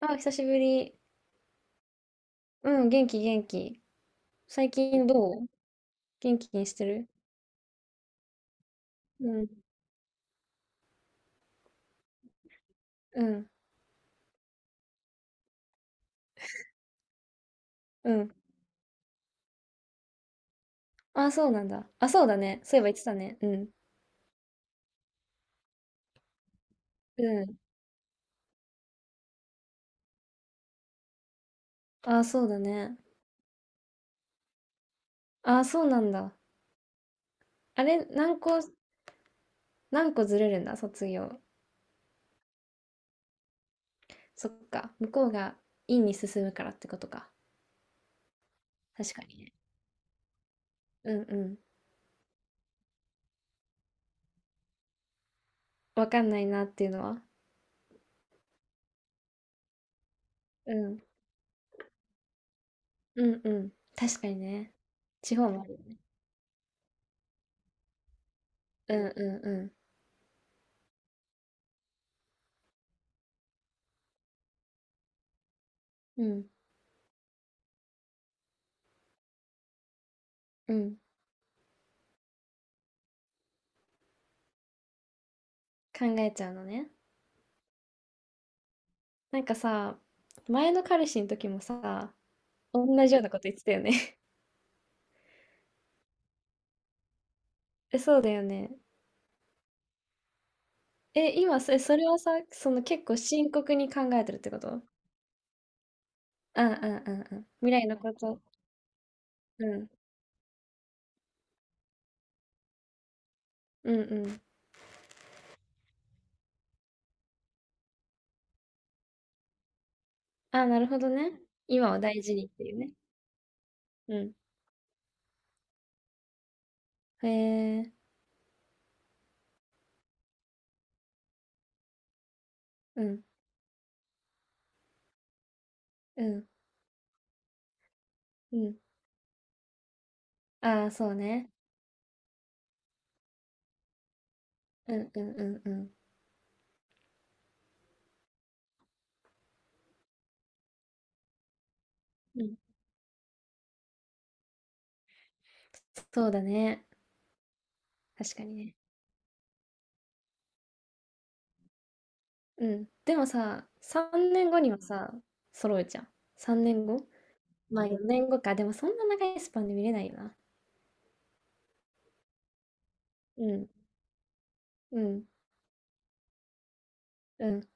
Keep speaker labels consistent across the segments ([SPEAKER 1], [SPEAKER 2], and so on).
[SPEAKER 1] あ、久しぶり。うん、元気元気。最近どう元気にしてる？うん、うん、うん。あ、そうなんだ。あ、そうだね。そういえば言ってたね。うん、うん。あ、そうだね。あ、そうなんだ。あれ、何個、何個ずれるんだ、卒業。そっか。向こうが院に進むからってことか。確かにね。うん、うん。わかんないなっていうのは？うん、うん、うん。確かにね。地方もある？うん、うん、うん。うん、うん。考えちゃうのね。なんかさ、前の彼氏の時もさ、同じようなこと言ってたよね。え、そうだよね。え、今、それ、それはさ、その結構深刻に考えてるってこと？うんうんうんうん。未来のこと。うん。うんうん。あ、なるほどね。今を大事にっていうね。うん。へえ。うん。うん。うん。ああ、そうね。うんうんうんうん。うん。そうだね。確かにね。うん。でもさ、3年後にはさ、揃うじゃん。3年後、まあ4年後か。でもそんな長いスパンで見れないよな。うん。うん。うん。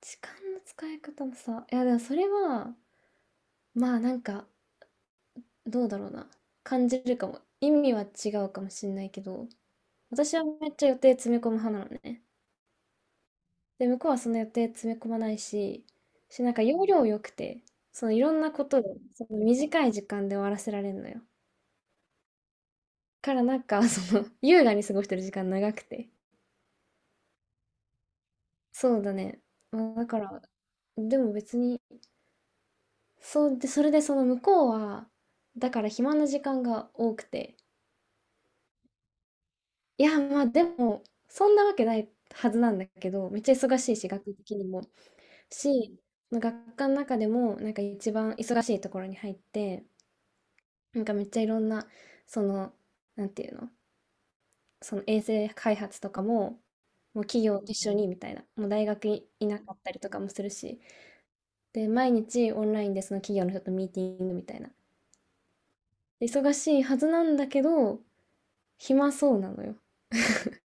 [SPEAKER 1] 時間の使い方もさ。いやでもそれは、まあなんか、どうだろうな。感じるかも。意味は違うかもしんないけど、私はめっちゃ予定詰め込む派なのね。で、向こうはその予定詰め込まないし、し、なんか要領良くて、そのいろんなことを、その短い時間で終わらせられるのよ。からなんか、その、優雅に過ごしてる時間長くて。そうだね。まあだから、でも別に、そうで、それでその向こうは、だから暇な時間が多くて、いや、まあでも、そんなわけないはずなんだけど、めっちゃ忙しいし、学的にも。し、その学科の中でも、なんか一番忙しいところに入って、なんかめっちゃいろんな、その、なんていうの、その衛星開発とかも、もう企業と一緒にみたいな、もう大学い、いなかったりとかもするし、で、毎日オンラインでその企業の人とミーティングみたいな。で忙しいはずなんだけど、暇そうなのよ。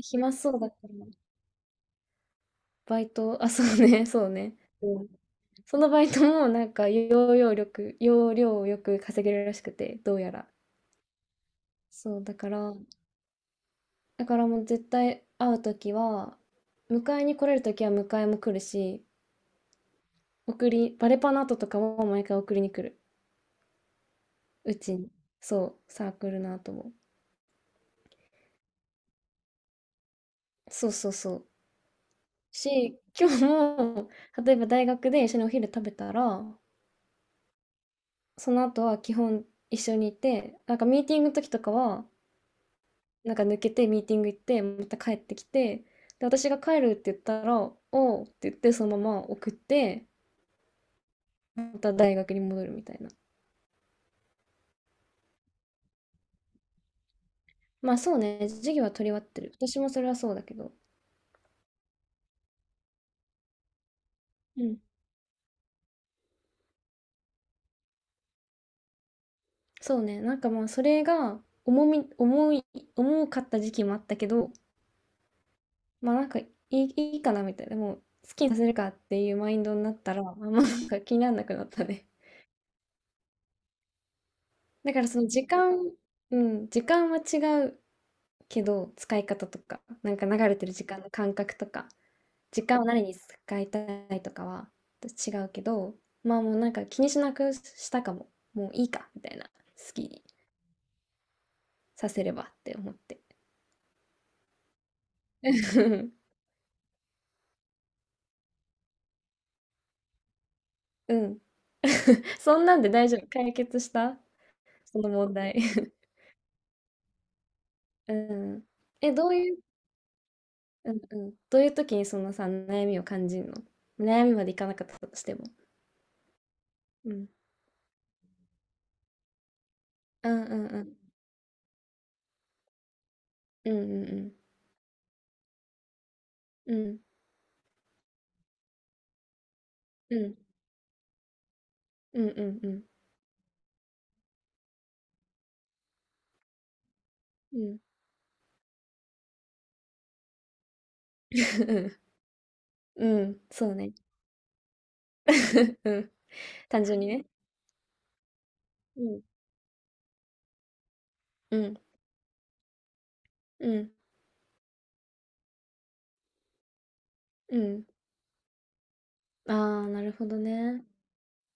[SPEAKER 1] 暇そうだから、バイト、あ、そうね、そうね。うん、そのバイトもなんか要領力、要領をよく稼げるらしくて、どうやら。そう、だから、だからもう絶対会うときは、迎えに来れるときは迎えも来るし、送り、バレパの後とかも毎回送りに来る。うちに。そう、サークルの後も。そうそうそう。し、今日も、例えば大学で一緒にお昼食べたら、その後は基本一緒にいて、なんかミーティングの時とかは、なんか抜けてミーティング行って、また帰ってきて、で、私が帰るって言ったら、おうって言って、そのまま送って、また大学に戻るみたいな。まあそうね、授業は取り終わってる。私もそれはそうだけど。うん。そうね、なんかまあそれが重み、重い、重かった時期もあったけど、まあなんかいい、いいかなみたいな、もう好きにさせるかっていうマインドになったら、あんまなんか気にならなくなったね。だからその時間、うん、時間は違うけど、使い方とか、なんか流れてる時間の感覚とか、時間を何に使いたいとかは違うけど、まあもうなんか気にしなくしたかも。もういいか、みたいな。好きにさせればって思って。うん。そんなんで大丈夫。解決したその問題。うん。え、どういう、うんうん。どういう時にそのさ、悩みを感じるの？悩みまでいかなかったとしても。うん。うんうんうんうんうんうん。うん。うんうんうん。うん。うん。うん。そうね。うん。単純にね。うん。うん。うん。うん。ああ、なるほどね。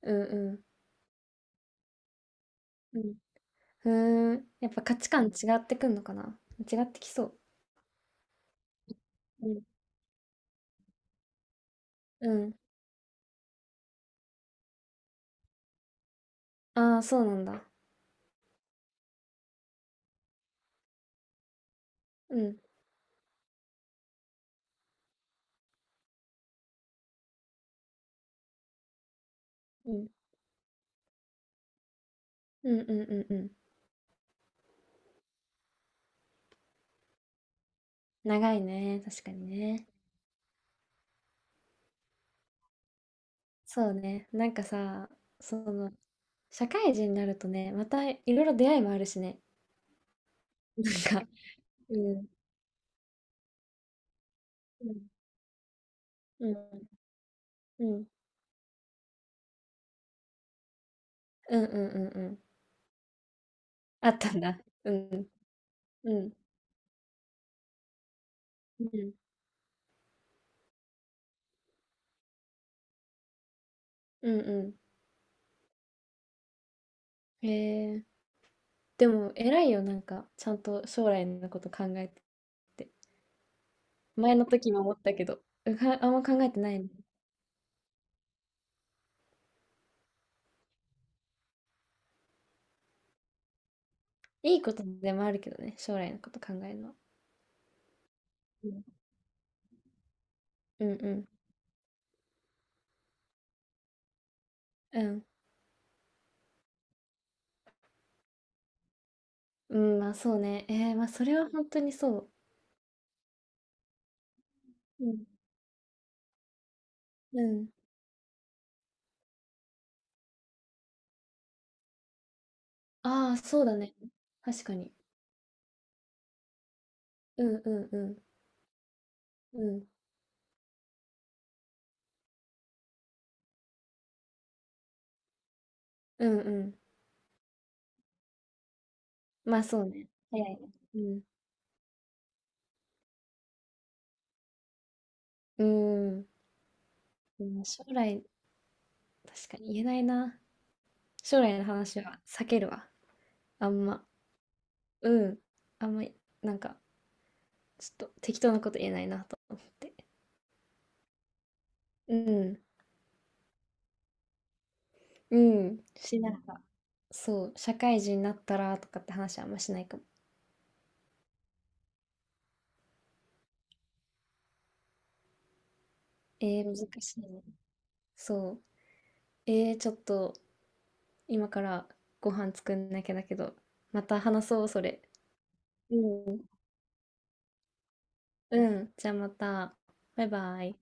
[SPEAKER 1] うんうん。うん。ふーん。やっぱ価値観違ってくんのかな？違ってきそう。うん。うん。ああ、そうなんだ。うん。うん。うんうんうんうん。長いね。確かにね。そうね。なんかさ、その、社会人になるとね、またいろいろ出会いもあるしね。なんか、うん。うんうん、うん。うんうんうんうん。あったんだ。うん。うん。うん。うんうん。へえ。でも偉いよ、なんか、ちゃんと将来のこと考えてて。前の時も思ったけど、うか、あんま考えてないね。いいことでもあるけどね、将来のこと考えるのは。うん。うんうん。うん。うん、まあそうね。えー、まあそれは本当にそう。うん。うん。ああ、そうだね。確かに。うんうんうん。うん。うんうん。まあそうね。早いね。うん。うん。うん、将来、確かに言えないな。将来の話は避けるわ。あんま。うん。あんま、なんか、ちょっと適当なこと言えないなと思って。うん。うん。しながら、そう、社会人になったらとかって話はあんましないかも。えー、難しいね。そう。えー、ちょっと、今からご飯作んなきゃだけど、また話そう、それ。うん。うん。じゃあまた。バイバイ。